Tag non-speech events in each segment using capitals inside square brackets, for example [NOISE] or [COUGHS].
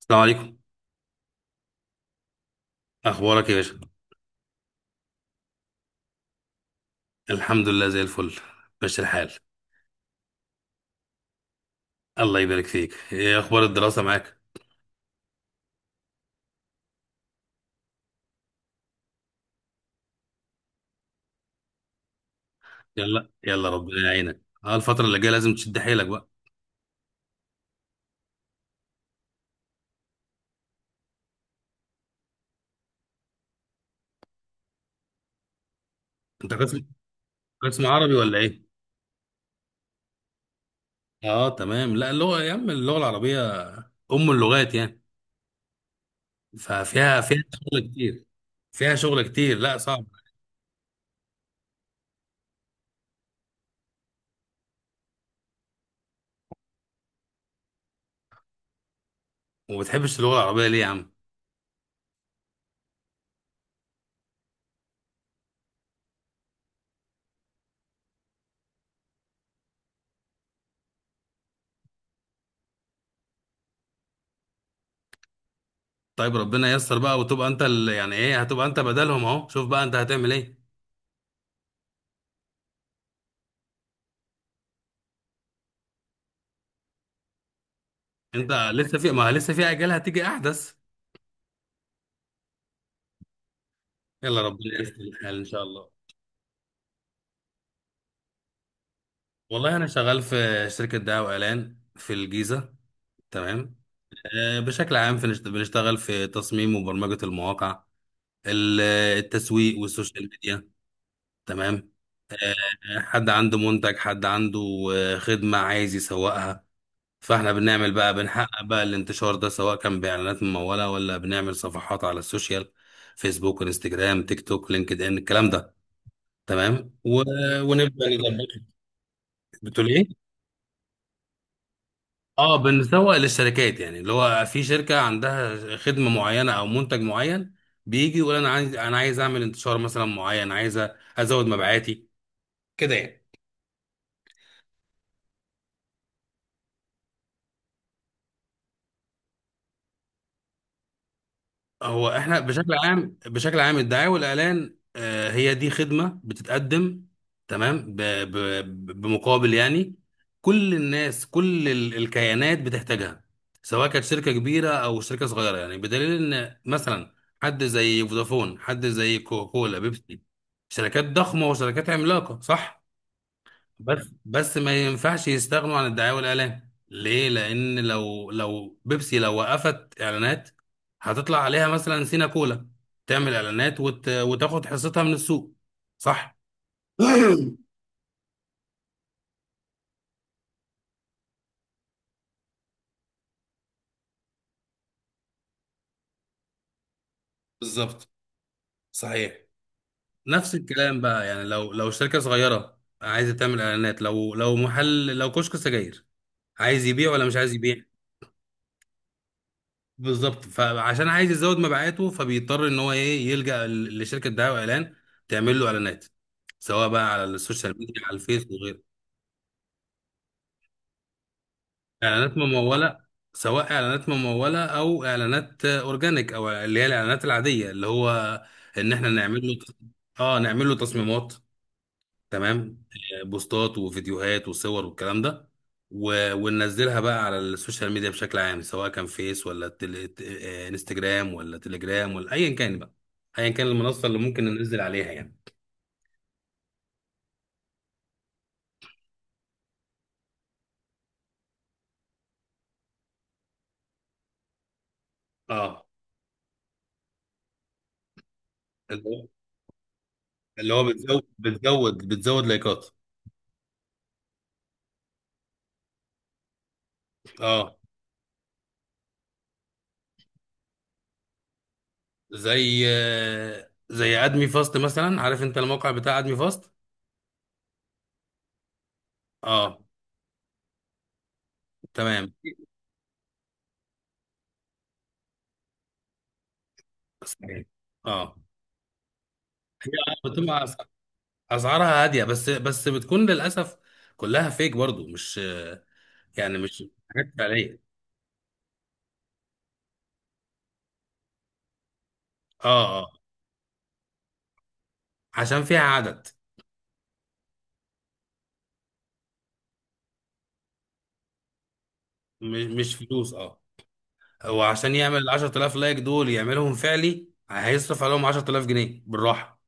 السلام عليكم. اخبارك يا باشا؟ الحمد لله زي الفل، ماشي الحال. الله يبارك فيك، ايه اخبار الدراسه معاك؟ يلا يلا ربنا يعينك، الفتره اللي جايه لازم تشد حيلك بقى. انت قسم عربي ولا ايه؟ اه تمام، لا اللغه يا عم، اللغه العربيه، ام اللغات يعني، ففيها شغل كتير، فيها شغل كتير، لا صعب. وما بتحبش اللغه العربيه ليه يا عم؟ طيب ربنا ييسر بقى، وتبقى انت يعني ايه، هتبقى انت بدلهم اهو، شوف بقى انت هتعمل ايه. انت لسه في ما لسه في اجيال هتيجي احدث. يلا ربنا ييسر الحال ان شاء الله. والله انا شغال في شركه دعايه واعلان في الجيزه. تمام. بشكل عام بنشتغل في تصميم وبرمجه المواقع، ال- التسويق والسوشيال ميديا. تمام. حد عنده منتج، حد عنده خدمه عايز يسوقها، فاحنا بنعمل بقى، بنحقق بقى الانتشار ده، سواء كان باعلانات مموله، ولا بنعمل صفحات على السوشيال، فيسبوك انستجرام تيك توك لينكد ان الكلام ده. تمام ونبدا نظبط. بتقول ايه؟ اه بنسوق للشركات، يعني اللي هو في شركة عندها خدمة معينة او منتج معين، بيجي يقول انا عايز اعمل انتشار مثلا معين، عايز ازود مبيعاتي كده يعني. هو احنا بشكل عام الدعاية والإعلان هي دي خدمة بتتقدم. تمام بمقابل يعني. كل الناس، كل الكيانات بتحتاجها، سواء كانت شركة كبيرة أو شركة صغيرة، يعني بدليل إن مثلا حد زي فودافون، حد زي كوكولا بيبسي، شركات ضخمة وشركات عملاقة، صح؟ بس ما ينفعش يستغنوا عن الدعاية والإعلان ليه؟ لأن لو بيبسي، لو وقفت إعلانات، هتطلع عليها مثلا سينا كولا، تعمل إعلانات وتاخد حصتها من السوق، صح؟ [COUGHS] [CLEARS THROAT] بالظبط، صحيح. نفس الكلام بقى، يعني لو شركة صغيرة عايزة تعمل إعلانات، لو محل، لو كشك سجاير، عايز يبيع ولا مش عايز يبيع؟ بالظبط، فعشان عايز يزود مبيعاته، فبيضطر ان هو ايه، يلجأ لشركه دعايه واعلان تعمل له اعلانات، سواء بقى على السوشيال ميديا، على الفيس وغيره. اعلانات مموله، سواء اعلانات مموله او اعلانات اورجانيك، او اللي هي الاعلانات العاديه، اللي هو ان احنا نعمل له نعمل له تصميمات. تمام بوستات وفيديوهات وصور والكلام ده، وننزلها بقى على السوشيال ميديا بشكل عام، سواء كان فيس ولا تل... ت- آه، انستجرام ولا تليجرام ولا ايا كان بقى، ايا كان المنصه اللي ممكن ننزل عليها يعني. اه اللي هو اللي هو بتزود لايكات. اه زي زي ادمي فاست مثلا، عارف انت الموقع بتاع ادمي فاست. اه تمام، صحيح. اه، بتبقى اسعارها هاديه، بس بتكون للاسف كلها فيك برضو، مش يعني، مش حاجات فعليه. اه اه عشان فيها عدد، مش فلوس اه. وعشان يعمل ال 10,000 لايك دول يعملهم فعلي هيصرف عليهم 10,000 جنيه بالراحه.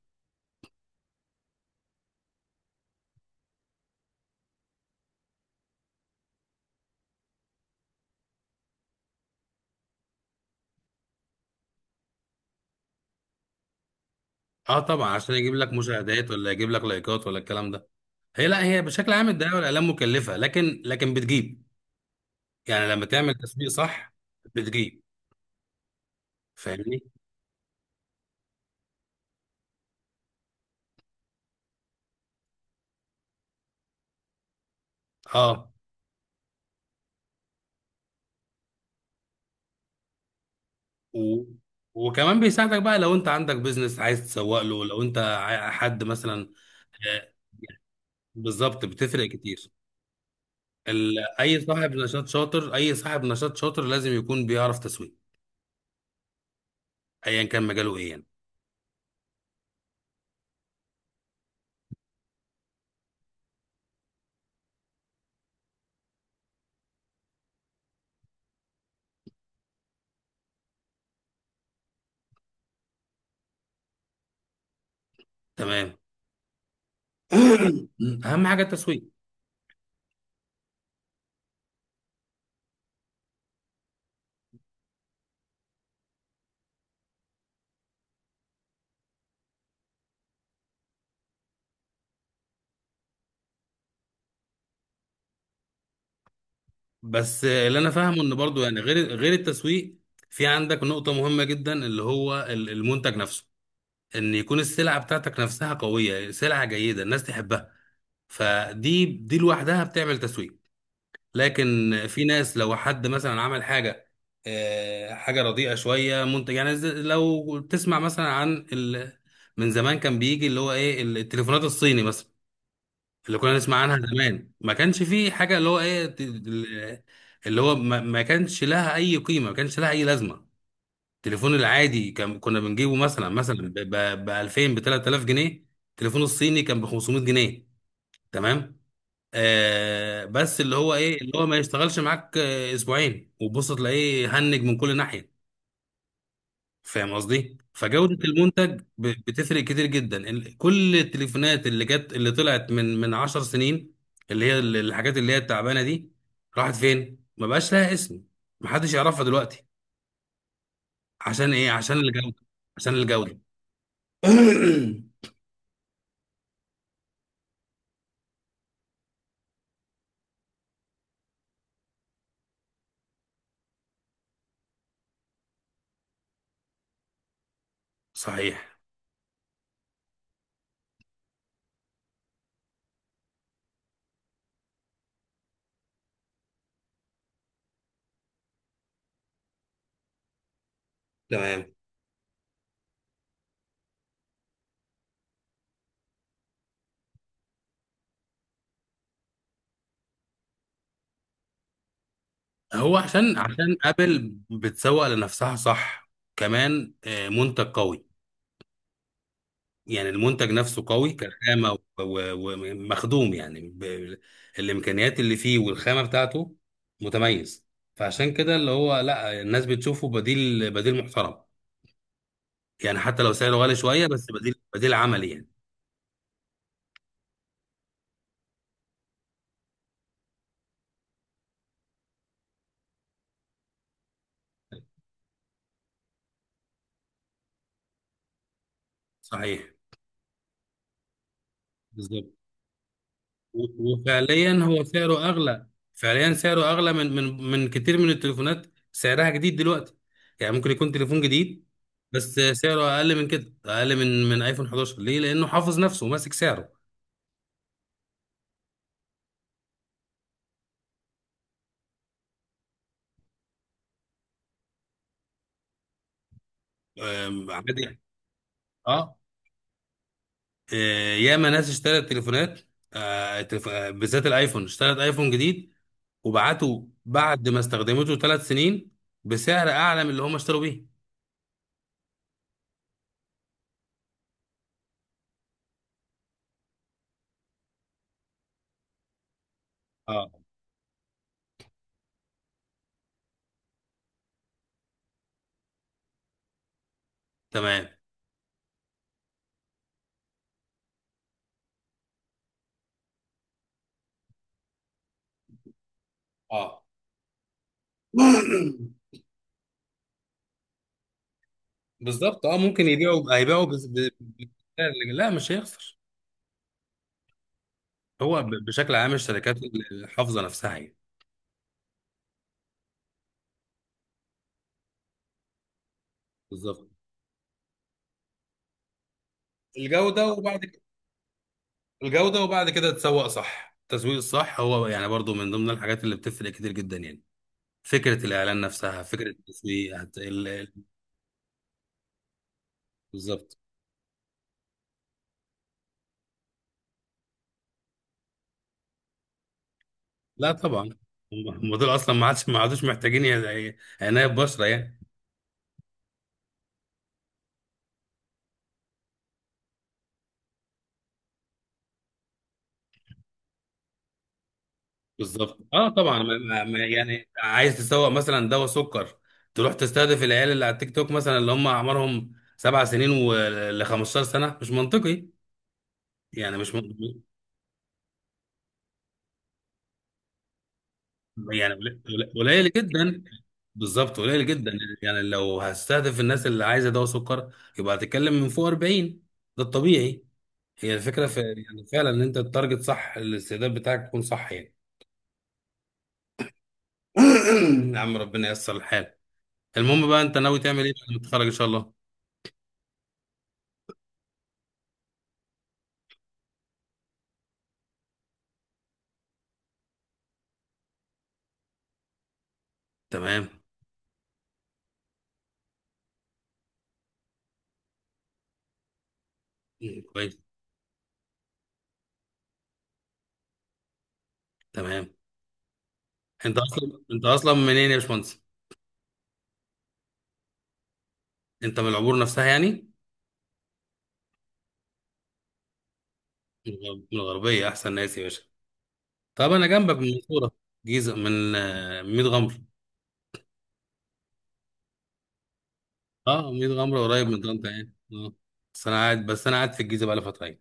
اه طبعا، عشان يجيب لك مشاهدات، ولا يجيب لك لايكات، ولا الكلام ده. هي لا، هي بشكل عام الدعايه والاعلام مكلفه، لكن بتجيب. يعني لما تعمل تسويق صح بتجيب، فاهمني؟ اه و... وكمان بيساعدك بقى لو انت عندك بيزنس عايز تسوق له، لو انت حد مثلا، آه، بالظبط، بتفرق كتير ال... اي صاحب نشاط شاطر لازم يكون بيعرف تسويق، ايا كان مجاله ايه يعني. تمام. [CLEARS THROAT] اهم حاجه التسويق. بس اللي انا فاهمه ان برضو يعني، غير التسويق، في عندك نقطه مهمه جدا اللي هو المنتج نفسه، ان يكون السلعه بتاعتك نفسها قويه، سلعه جيده الناس تحبها، فدي لوحدها بتعمل تسويق. لكن في ناس لو حد مثلا عمل حاجه، حاجه رديئه شويه، منتج يعني لو تسمع مثلا عن من زمان كان بيجي اللي هو ايه التليفونات الصيني مثلا، اللي كنا نسمع عنها زمان، ما كانش فيه حاجه اللي هو ايه اللي هو ما كانش لها اي قيمه، ما كانش لها اي لازمه. التليفون العادي كان كنا بنجيبه مثلا ب 2000، ب 3000 جنيه. التليفون الصيني كان ب 500 جنيه. تمام. آه، بس اللي هو ايه، اللي هو ما يشتغلش معاك اسبوعين وبص تلاقيه هنج من كل ناحيه. فاهم قصدي، فجوده المنتج بتفرق كتير جدا. كل التليفونات اللي جت، اللي طلعت من 10 سنين، اللي هي الحاجات اللي هي التعبانه دي، راحت فين؟ ما بقاش لها اسم، محدش يعرفها دلوقتي. عشان ايه؟ عشان الجوده، عشان الجوده. [COUGHS] [CLEARS THROAT] صحيح. تمام. هو عشان ابل بتسوق لنفسها صح، كمان منتج قوي، يعني المنتج نفسه قوي كخامة ومخدوم يعني الإمكانيات اللي فيه والخامة بتاعته متميز. فعشان كده، اللي هو لا، الناس بتشوفه بديل محترم، يعني حتى لو سعره غالي شوية بس بديل عملي يعني. صحيح. بالظبط. وفعليا هو سعره أغلى. فعليا سعره أغلى من كتير من التليفونات سعرها جديد دلوقتي، يعني ممكن يكون تليفون جديد بس سعره أقل من كده، أقل من آيفون 11، ليه؟ لأنه حافظ نفسه وماسك سعره. عادي اه. آه، ياما ناس اشترت تليفونات، بالذات الايفون، اشترت ايفون جديد وبعته بعد ما استخدمته 3 سنين، بسعر اعلى من اللي هم اشتروا بيه. اه تمام اه. [COUGHS] [CLEARS THROAT] بالظبط. اه ممكن يبيعوا، هيبيعوا بسعر لا مش هيخسر. هو بشكل عام الشركات الحافظه نفسها يعني. بالظبط. الجوده وبعد كده، الجوده وبعد كده تسوق صح. التسويق الصح هو يعني برضو من ضمن الحاجات اللي بتفرق كتير جدا، يعني فكرة الإعلان نفسها، فكرة التسويق بالظبط. لا طبعا. هم هم دول أصلا ما عادش، ما عادوش محتاجين عناية بشرة يعني. بالظبط اه طبعا، يعني عايز تسوق مثلا دواء سكر، تروح تستهدف العيال اللي على التيك توك مثلا اللي هم أعمارهم 7 سنين ول 15 سنة، مش منطقي يعني، مش من... يعني قليل جدا. بالظبط قليل جدا. يعني لو هستهدف الناس اللي عايزة دواء سكر، يبقى هتتكلم من فوق 40، ده الطبيعي. هي الفكرة في يعني فعلا، ان انت التارجت صح، الاستعداد بتاعك يكون صح يعني. [COUGHS] [CLEARS THROAT] يا عم ربنا ييسر الحال. المهم بقى انت ناوي تعمل ايه بعد ما تتخرج ان شاء الله؟ تمام. [COUGHS] مم، كويس. تمام. انت اصلا منين يا باشمهندس؟ انت من العبور نفسها يعني؟ من الغربية، احسن ناس يا باشا. طب انا جنبك، من المنصورة. جيزة، من ميت غمر. اه ميت غمر قريب من طنطا يعني اه. بس انا قاعد في الجيزة بقى لي فترة يعني.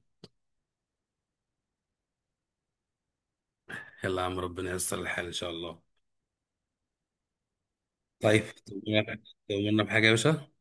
يلا يا عم ربنا ييسر الحال ان شاء الله. طيب. تؤمرنا بحاجة يا باشا؟